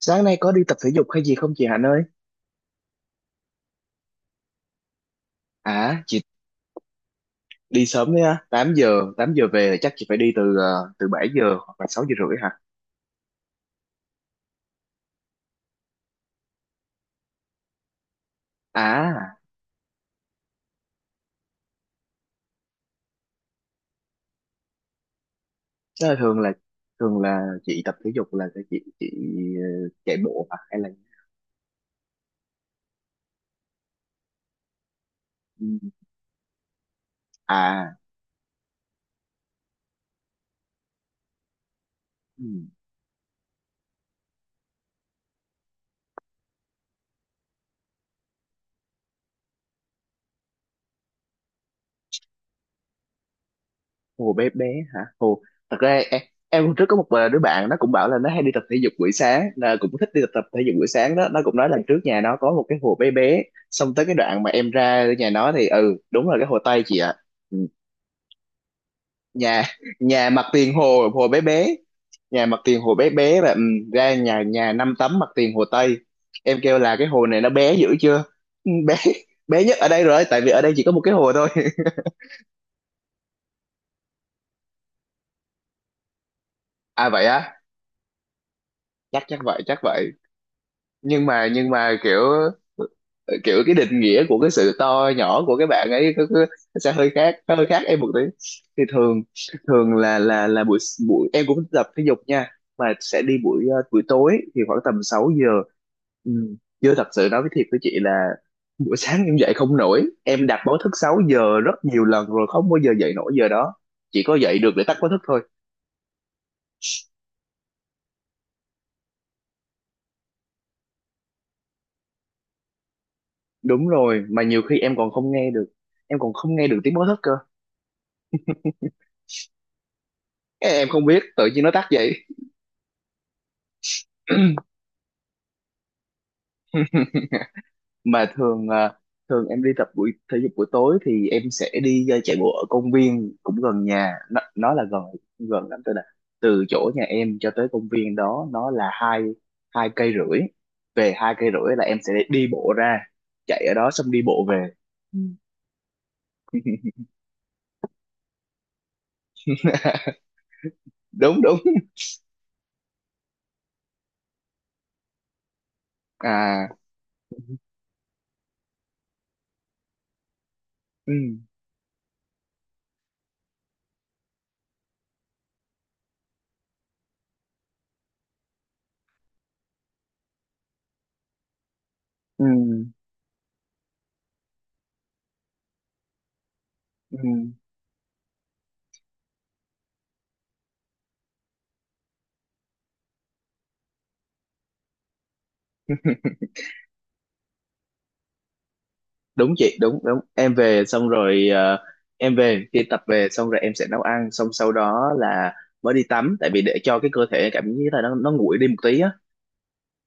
Sáng nay có đi tập thể dục hay gì không chị Hạnh ơi? À, chị đi sớm đấy á, 8 giờ về là chắc chị phải đi từ 7 giờ hoặc là 6 giờ rưỡi hả? À, tức là thường là chị tập thể dục, là chị chạy bộ hả hay là? Ừ. À. Ừ. Hồ bé bé hả? Hồ thật ra em, hôm trước có một đứa bạn nó cũng bảo là nó hay đi tập thể dục buổi sáng, là cũng thích đi tập thể dục buổi sáng đó. Nó cũng nói là trước nhà nó có một cái hồ bé bé, xong tới cái đoạn mà em ra nhà nó thì đúng là cái hồ Tây chị ạ. Ừ. nhà nhà mặt tiền hồ hồ bé bé, nhà mặt tiền hồ bé bé và ra nhà nhà năm tấm mặt tiền hồ Tây. Em kêu là cái hồ này nó bé dữ chưa. Ừ, bé. bé nhất ở đây rồi, tại vì ở đây chỉ có một cái hồ thôi. À, vậy á. Chắc chắc vậy chắc vậy. Nhưng mà kiểu, kiểu cái định nghĩa của cái sự to nhỏ của cái bạn ấy cứ sẽ hơi khác em một tí. Thì thường thường là buổi, buổi em cũng tập thể dục nha, mà sẽ đi buổi tối thì khoảng tầm 6 giờ. Ừ. Chưa, thật sự nói với, thiệt với chị là buổi sáng em dậy không nổi. Em đặt báo thức 6 giờ rất nhiều lần rồi không bao giờ dậy nổi giờ đó, chỉ có dậy được để tắt báo thức thôi. Đúng rồi, mà nhiều khi em còn không nghe được em còn không nghe được tiếng báo thức cơ. Cái em không biết tự nhiên nó tắt vậy. Mà thường, thường em đi tập buổi thể dục buổi tối thì em sẽ đi chạy bộ ở công viên cũng gần nhà. Nó là gần, gần lắm. Tôi là từ chỗ nhà em cho tới công viên đó, nó là hai hai cây rưỡi. Về hai cây rưỡi là em sẽ đi bộ ra, chạy ở đó xong đi bộ về. đúng đúng. À. Ừ. Ừ. Ừ. Đúng chị, đúng đúng em về xong rồi, em về khi tập về xong rồi em sẽ nấu ăn, xong sau đó là mới đi tắm, tại vì để cho cái cơ thể cảm giác là nó nguội đi một tí á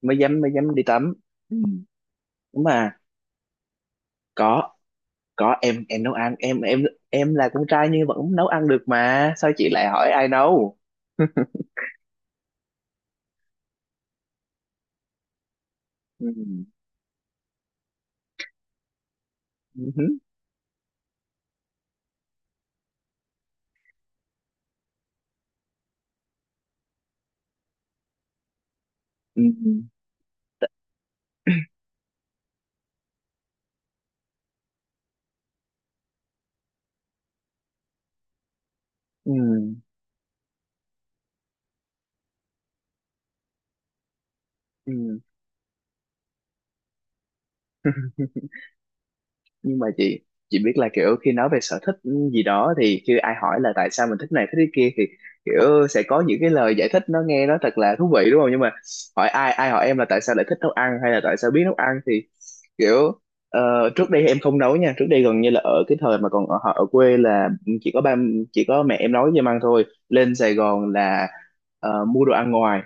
mới dám, mới dám đi tắm. Ừ. Đúng mà. có có em nấu ăn em là con trai nhưng vẫn nấu ăn được, mà sao chị lại hỏi ai nấu. Ừ. Ừ. Ừ. Ừ. Ừ. Ừ. Nhưng mà chị biết là kiểu khi nói về sở thích gì đó, thì khi ai hỏi là tại sao mình thích này thích cái kia thì kiểu sẽ có những cái lời giải thích nó nghe nó thật là thú vị đúng không. Nhưng mà hỏi, ai ai hỏi em là tại sao lại thích nấu ăn hay là tại sao biết nấu ăn thì kiểu, trước đây em không nấu nha. Trước đây gần như là ở cái thời mà còn ở, ở quê là chỉ có ba, chỉ có mẹ em nấu cho em ăn thôi. Lên Sài Gòn là mua đồ ăn ngoài.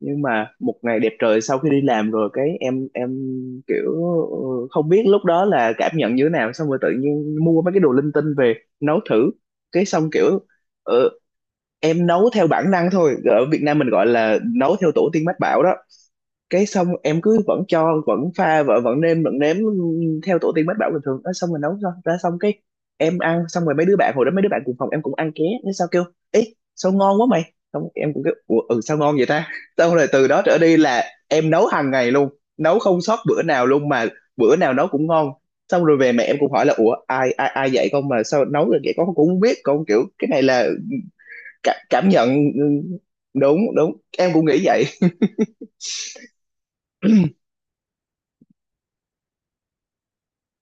Nhưng mà một ngày đẹp trời sau khi đi làm rồi, cái em kiểu ừ, không biết lúc đó là cảm nhận như thế nào, xong rồi tự nhiên mua mấy cái đồ linh tinh về nấu thử. Cái xong kiểu, ừ, em nấu theo bản năng thôi, ở Việt Nam mình gọi là nấu theo tổ tiên mách bảo đó. Cái xong em cứ vẫn cho, vẫn pha vợ, vẫn nêm vẫn nếm theo tổ tiên mách bảo bình thường. Nói xong rồi nấu ra, ra xong cái em ăn, xong rồi mấy đứa bạn hồi đó, mấy đứa bạn cùng phòng em cũng ăn ké. Nó sao kêu: ê sao ngon quá mày. Xong em cũng kêu: ủa, ừ sao ngon vậy ta. Xong rồi từ đó trở đi là em nấu hàng ngày luôn, nấu không sót bữa nào luôn, mà bữa nào nấu cũng ngon. Xong rồi về mẹ em cũng hỏi là: ủa ai ai ai dạy con mà sao nấu được vậy. Con cũng không biết, con kiểu cái này là cả, cảm nhận. Ừ, đúng đúng, em cũng nghĩ vậy.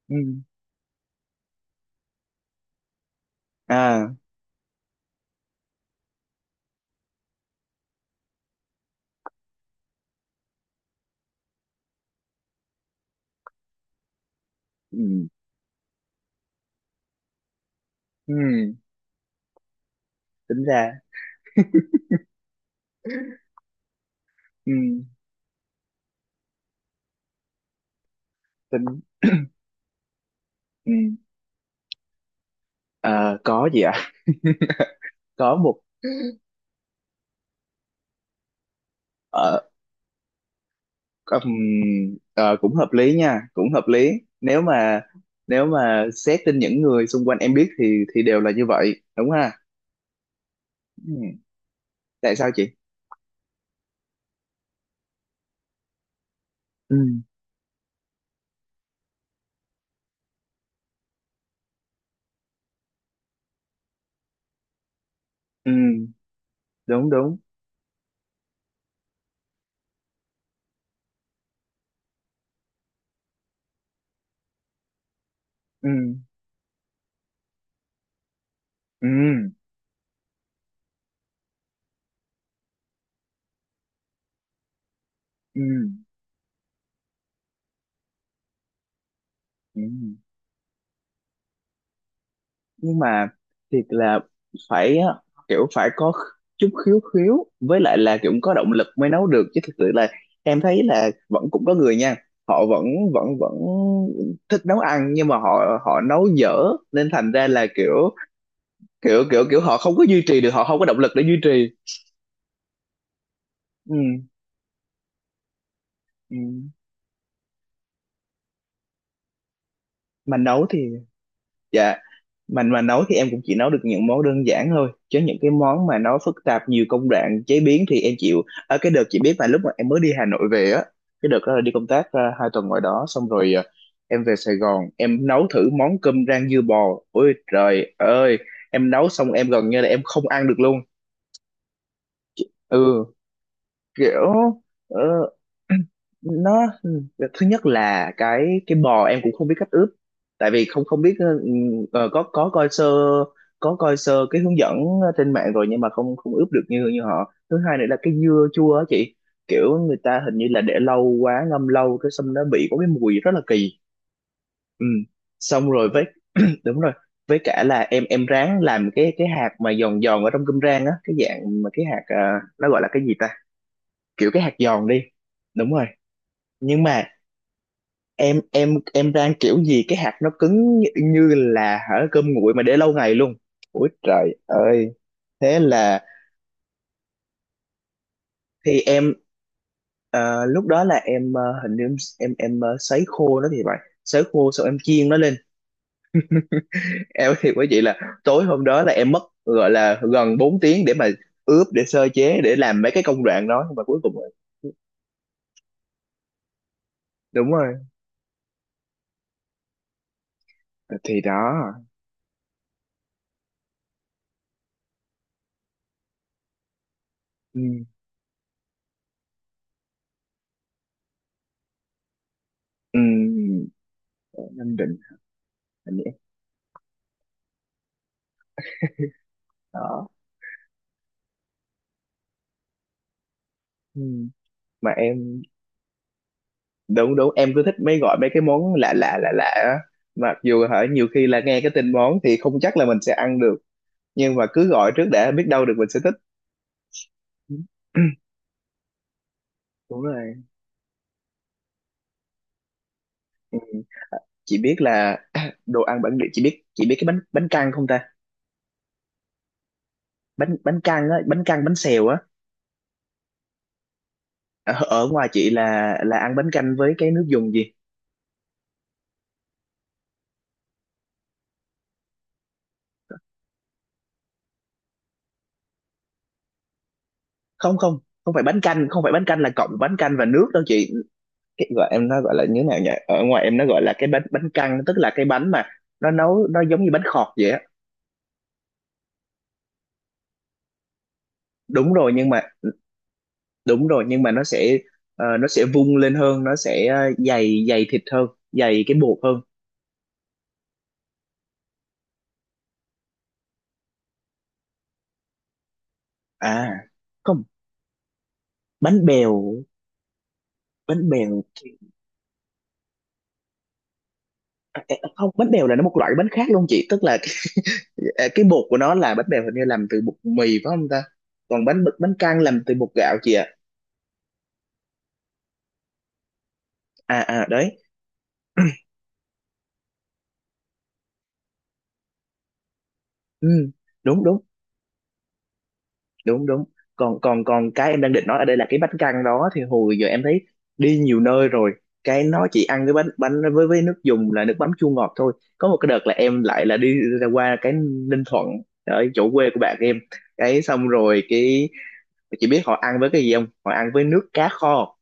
Ừ. À. Ừ. Ừ. Tính ra. Ừ. Tính. Ừ. Ờ, có gì ạ. Có một, ờ, có- ừm, cũng hợp lý nha, cũng hợp lý. Nếu mà, nếu mà xét trên những người xung quanh em biết thì đều là như vậy đúng ha. Ừ. Tại sao chị. Ừ. Ừ. Đúng đúng. Ừ. Ừ. Ừ. Ừ. Nhưng mà thiệt là phải á, kiểu phải có chút khiếu, khiếu với lại là kiểu có động lực mới nấu được chứ. Thực sự là em thấy là vẫn cũng có người nha, họ vẫn, vẫn vẫn thích nấu ăn nhưng mà họ, họ nấu dở nên thành ra là kiểu, kiểu họ không có duy trì được, họ không có động lực để duy trì. Ừ. Ừ. Mà nấu thì, dạ, mình mà nấu thì em cũng chỉ nấu được những món đơn giản thôi, chứ những cái món mà nó phức tạp nhiều công đoạn chế biến thì em chịu. Ở cái đợt chị biết mà, lúc mà em mới đi Hà Nội về á, cái đợt đó là đi công tác hai tuần ngoài đó. Xong rồi em về Sài Gòn em nấu thử món cơm rang dưa bò, ôi trời ơi, em nấu xong em gần như là em không ăn được luôn. Ừ, kiểu, ờ, nó, thứ nhất là cái bò em cũng không biết cách ướp, tại vì không, không biết, có coi sơ, có coi sơ cái hướng dẫn trên mạng rồi, nhưng mà không, không ướp được như, như họ. Thứ hai nữa là cái dưa chua á chị, kiểu người ta hình như là để lâu quá, ngâm lâu, cái xong nó bị có cái mùi rất là kỳ. Ừ. Xong rồi với, đúng rồi, với cả là em ráng làm cái hạt mà giòn giòn ở trong cơm rang á, cái dạng mà cái hạt, nó gọi là cái gì ta, kiểu cái hạt giòn đi. Đúng rồi. Nhưng mà em, rang kiểu gì cái hạt nó cứng như, như là hả cơm nguội mà để lâu ngày luôn. Ôi trời ơi. Thế là, thì em, lúc đó là em, Hình như em sấy khô nó thì phải, sấy khô xong em chiên nó lên. em thì quý vị là tối hôm đó là em mất gọi là gần 4 tiếng để mà ướp, để sơ chế, để làm mấy cái công đoạn đó, nhưng mà cuối cùng là- đúng rồi. Thì đó. Ừ. Ừ. Ở Nam Định. Đó. Ừ. Mà em, đúng đúng, em cứ thích mấy, gọi mấy cái món lạ lạ lạ lạ á. Mặc dù hả nhiều khi là nghe cái tên món thì không chắc là mình sẽ ăn được, nhưng mà cứ gọi trước để biết đâu được mình sẽ thích. Đúng rồi. Ừ, chị biết là đồ ăn bản địa, chị biết, chị biết cái bánh, bánh căn không ta? Bánh, bánh căn á, bánh căn, bánh xèo á. Ở, ở ngoài chị là ăn bánh canh với cái nước dùng gì? Không, không, không phải bánh canh, không phải bánh canh là cộng bánh canh và nước đâu chị. Cái gọi em nó gọi là như thế nào nhỉ? Ở ngoài em nó gọi là cái bánh, bánh căn, tức là cái bánh mà nó nấu nó giống như bánh khọt vậy á. Đúng rồi nhưng mà, đúng rồi nhưng mà nó sẽ, nó sẽ vung lên hơn, nó sẽ dày, dày thịt hơn, dày cái bột hơn. À, không bánh bèo. Bánh bèo thì- à, à, à, không, bánh bèo là nó một loại bánh khác luôn chị, tức là cái, à, cái bột của nó là bánh bèo hình như làm từ bột mì phải không ta? Còn bánh, bánh căn làm từ bột gạo chị ạ. À à đấy. Ừ, đúng đúng. Đúng đúng. Còn, còn còn cái em đang định nói ở đây là cái bánh căn đó thì hồi giờ em thấy đi nhiều nơi rồi, cái nó chỉ ăn cái bánh, bánh với nước dùng là nước mắm chua ngọt thôi. Có một cái đợt là em lại là đi ra qua cái Ninh Thuận, ở chỗ quê của bạn em, cái xong rồi cái chị biết họ ăn với cái gì không? Họ ăn với nước cá kho.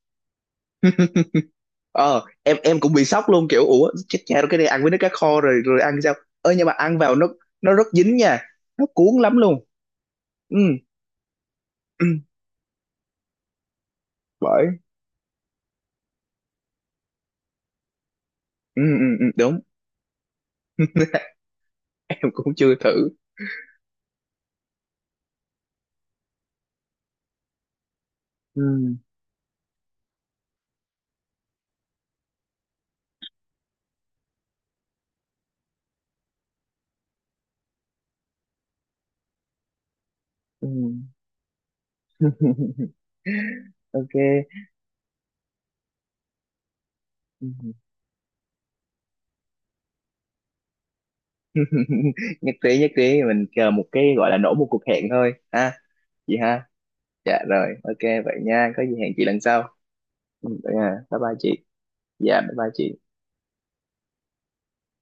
Ờ, em cũng bị sốc luôn, kiểu ủa chết cha rồi, cái này ăn với nước cá kho rồi rồi ăn sao. Ơ nhưng mà ăn vào nó rất dính nha, nó cuốn lắm luôn. Ừ. Bởi. Ừ, ừ, ừ, đúng. em cũng chưa thử. Ừ. Ừ. ok. Ừ. nhất trí, nhất trí, mình chờ một cái gọi là nổ một cuộc hẹn thôi ha, chị ha. Dạ rồi, ok vậy nha, có gì hẹn chị lần sau. Ừ, vậy nha, bye bye chị. Dạ bye bye chị.